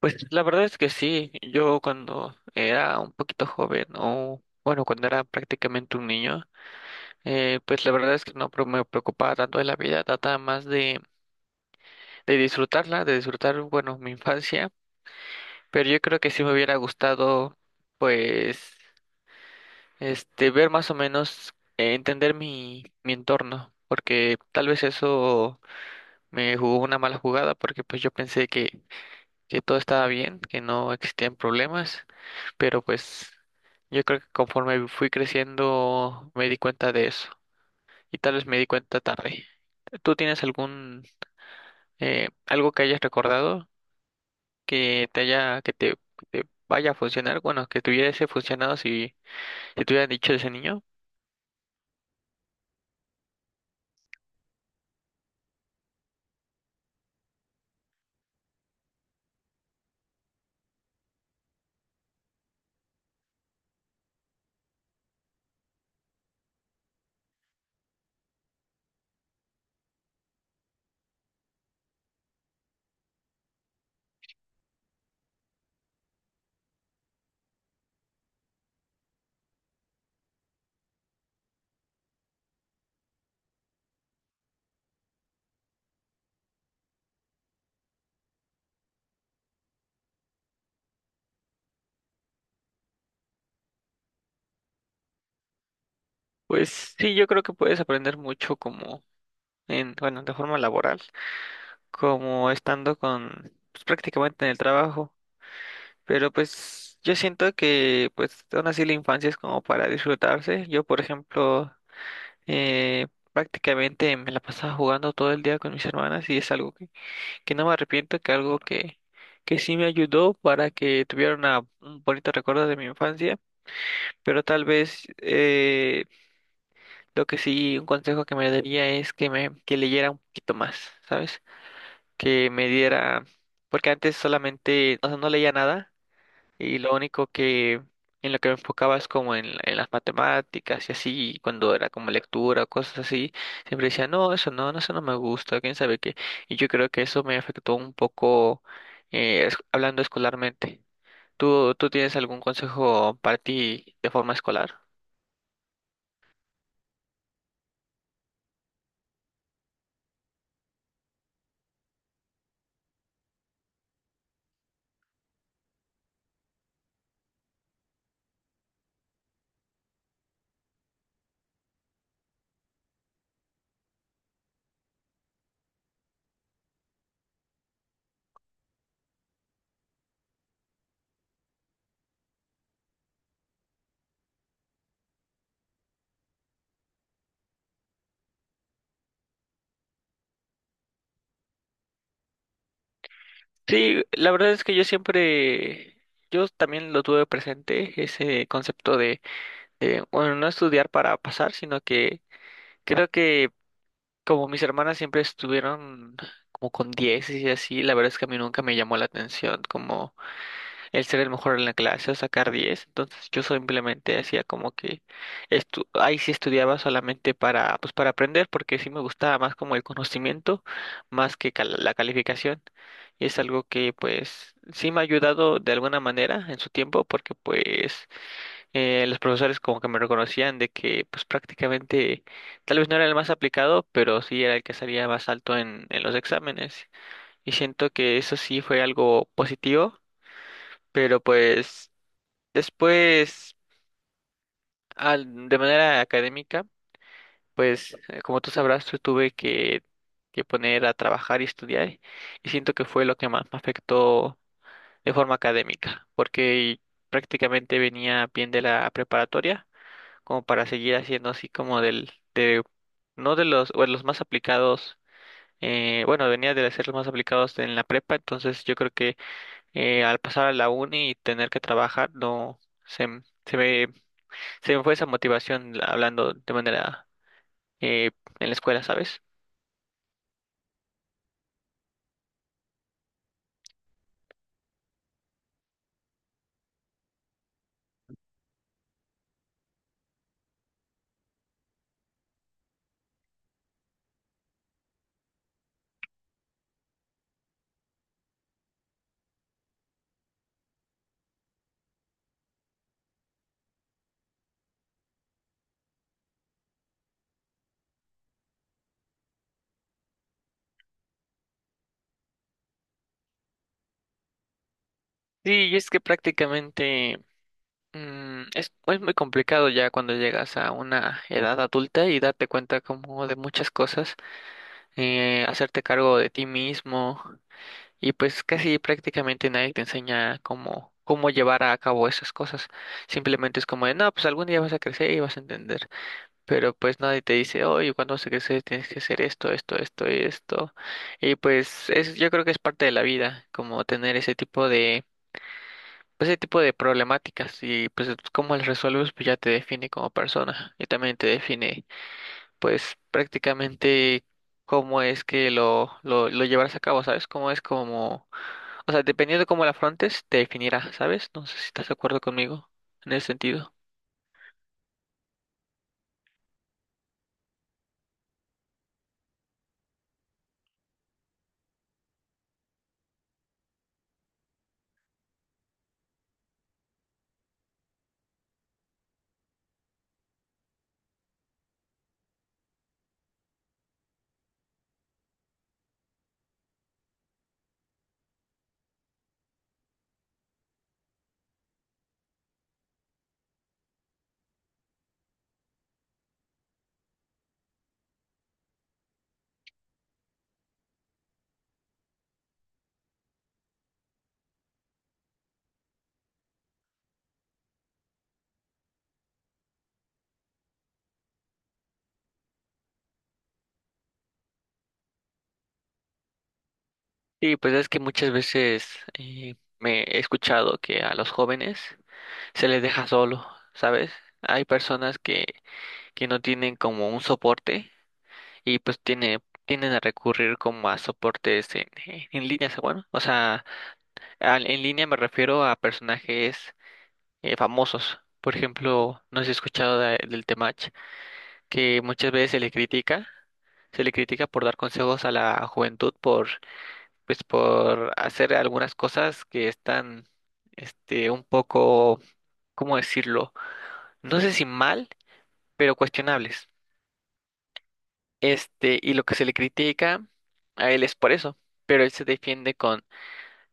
Pues la verdad es que sí, yo cuando era un poquito joven o bueno, cuando era prácticamente un niño, pues la verdad es que no pre- me preocupaba tanto de la vida, trataba más de disfrutarla, de disfrutar, bueno, mi infancia, pero yo creo que sí me hubiera gustado, pues, ver más o menos, entender mi entorno, porque tal vez eso me jugó una mala jugada, porque pues yo pensé que todo estaba bien, que no existían problemas, pero pues yo creo que conforme fui creciendo me di cuenta de eso y tal vez me di cuenta tarde. ¿Tú tienes algún algo que hayas recordado que te vaya a funcionar? Bueno, que te hubiese funcionado si, si te hubieran dicho ese niño. Pues sí, yo creo que puedes aprender mucho como bueno, de forma laboral, como estando con pues, prácticamente en el trabajo. Pero pues yo siento que pues aún así la infancia es como para disfrutarse. Yo, por ejemplo, eh, prácticamente me la pasaba jugando todo el día con mis hermanas y es algo que no me arrepiento, que sí me ayudó para que tuviera un bonito recuerdo de mi infancia. Pero tal vez lo que sí, un consejo que me daría es que leyera un poquito más, ¿sabes? Que me diera, porque antes solamente, o sea, no leía nada. Y lo único que en lo que me enfocaba es como en las matemáticas y así, y cuando era como lectura o cosas así, siempre decía, no, eso no, eso no me gusta, quién sabe qué. Y yo creo que eso me afectó un poco, hablando escolarmente. Tú tienes algún consejo para ti de forma escolar? Sí, la verdad es que yo siempre, yo también lo tuve presente, ese concepto de, bueno, no estudiar para pasar, sino que creo que como mis hermanas siempre estuvieron como con 10 y así, la verdad es que a mí nunca me llamó la atención como el ser el mejor en la clase o sacar 10. Entonces yo simplemente hacía como que ahí sí estudiaba solamente para pues para aprender porque sí me gustaba más como el conocimiento más que la calificación y es algo que pues sí me ha ayudado de alguna manera en su tiempo porque pues los profesores como que me reconocían de que pues prácticamente tal vez no era el más aplicado, pero sí era el que salía más alto en los exámenes. Y siento que eso sí fue algo positivo, pero pues después, de manera académica, pues como tú sabrás, yo tuve que poner a trabajar y estudiar y siento que fue lo que más me afectó de forma académica, porque prácticamente venía bien de la preparatoria como para seguir haciendo así como no de los, o de los más aplicados, bueno, venía de ser los más aplicados en la prepa, entonces yo creo que al pasar a la uni y tener que trabajar, no, se, m- se me, se me fue esa motivación, hablando de manera eh, en la escuela, ¿sabes? Sí, y es que prácticamente es muy complicado ya cuando llegas a una edad adulta y darte cuenta como de muchas cosas, hacerte cargo de ti mismo. Y pues casi prácticamente nadie te enseña cómo, cómo llevar a cabo esas cosas. Simplemente es como de, no, pues algún día vas a crecer y vas a entender. Pero pues nadie te dice, oye, cuando vas a crecer tienes que hacer esto, esto, esto y esto. Y pues es, yo creo que es parte de la vida, como tener ese tipo de, pues, ese tipo de problemáticas. Y pues cómo las resuelves, pues ya te define como persona y también te define pues prácticamente cómo es que lo llevarás a cabo, ¿sabes? Cómo es como, o sea, dependiendo de cómo la afrontes, te definirá, ¿sabes? No sé si estás de acuerdo conmigo en ese sentido. Y pues es que muchas veces me he escuchado que a los jóvenes se les deja solo, ¿sabes? Hay personas que no tienen como un soporte y pues tienden a recurrir como a soportes en líneas, bueno, o sea, en línea me refiero a personajes famosos. Por ejemplo, no sé si has escuchado del Temach, que muchas veces se le critica por dar consejos a la juventud, por, pues, por hacer algunas cosas que están, un poco, ¿cómo decirlo? No sé si mal, pero cuestionables. Y lo que se le critica a él es por eso, pero él se defiende con,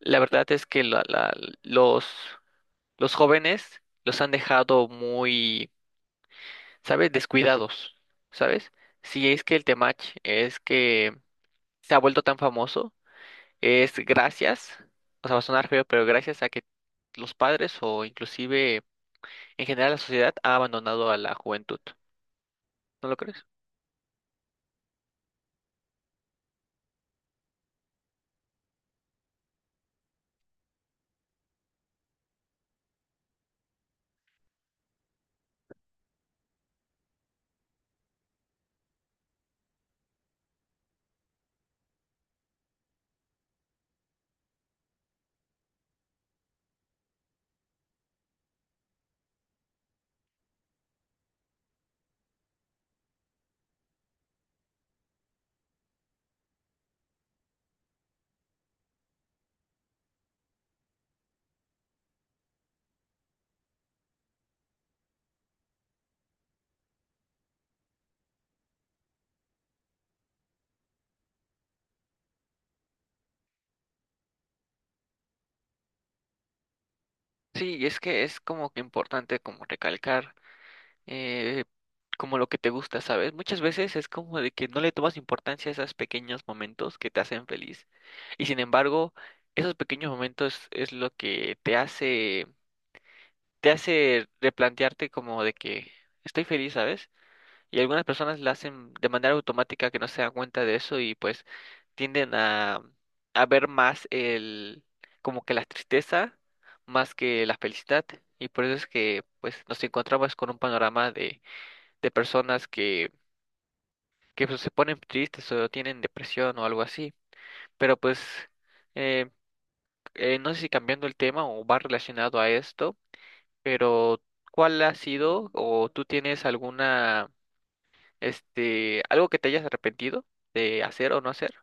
la verdad es que los, los jóvenes los han dejado muy, ¿sabes? Descuidados, ¿sabes? Si es que el Temach es que se ha vuelto tan famoso, es gracias, o sea, va a sonar feo, pero gracias a que los padres o inclusive en general la sociedad ha abandonado a la juventud, ¿no lo crees? Sí, y es que es como que importante como recalcar eh, como lo que te gusta, ¿sabes? Muchas veces es como de que no le tomas importancia a esos pequeños momentos que te hacen feliz. Y sin embargo, esos pequeños momentos es lo que te hace replantearte como de que estoy feliz, ¿sabes? Y algunas personas la hacen de manera automática que no se dan cuenta de eso y pues tienden a ver más el, como que la tristeza más que la felicidad. Y por eso es que pues nos encontramos con un panorama de personas que pues, se ponen tristes o tienen depresión o algo así. Pero pues eh, no sé si cambiando el tema o va relacionado a esto. Pero, ¿cuál ha sido o tú tienes alguna, algo que te hayas arrepentido de hacer o no hacer?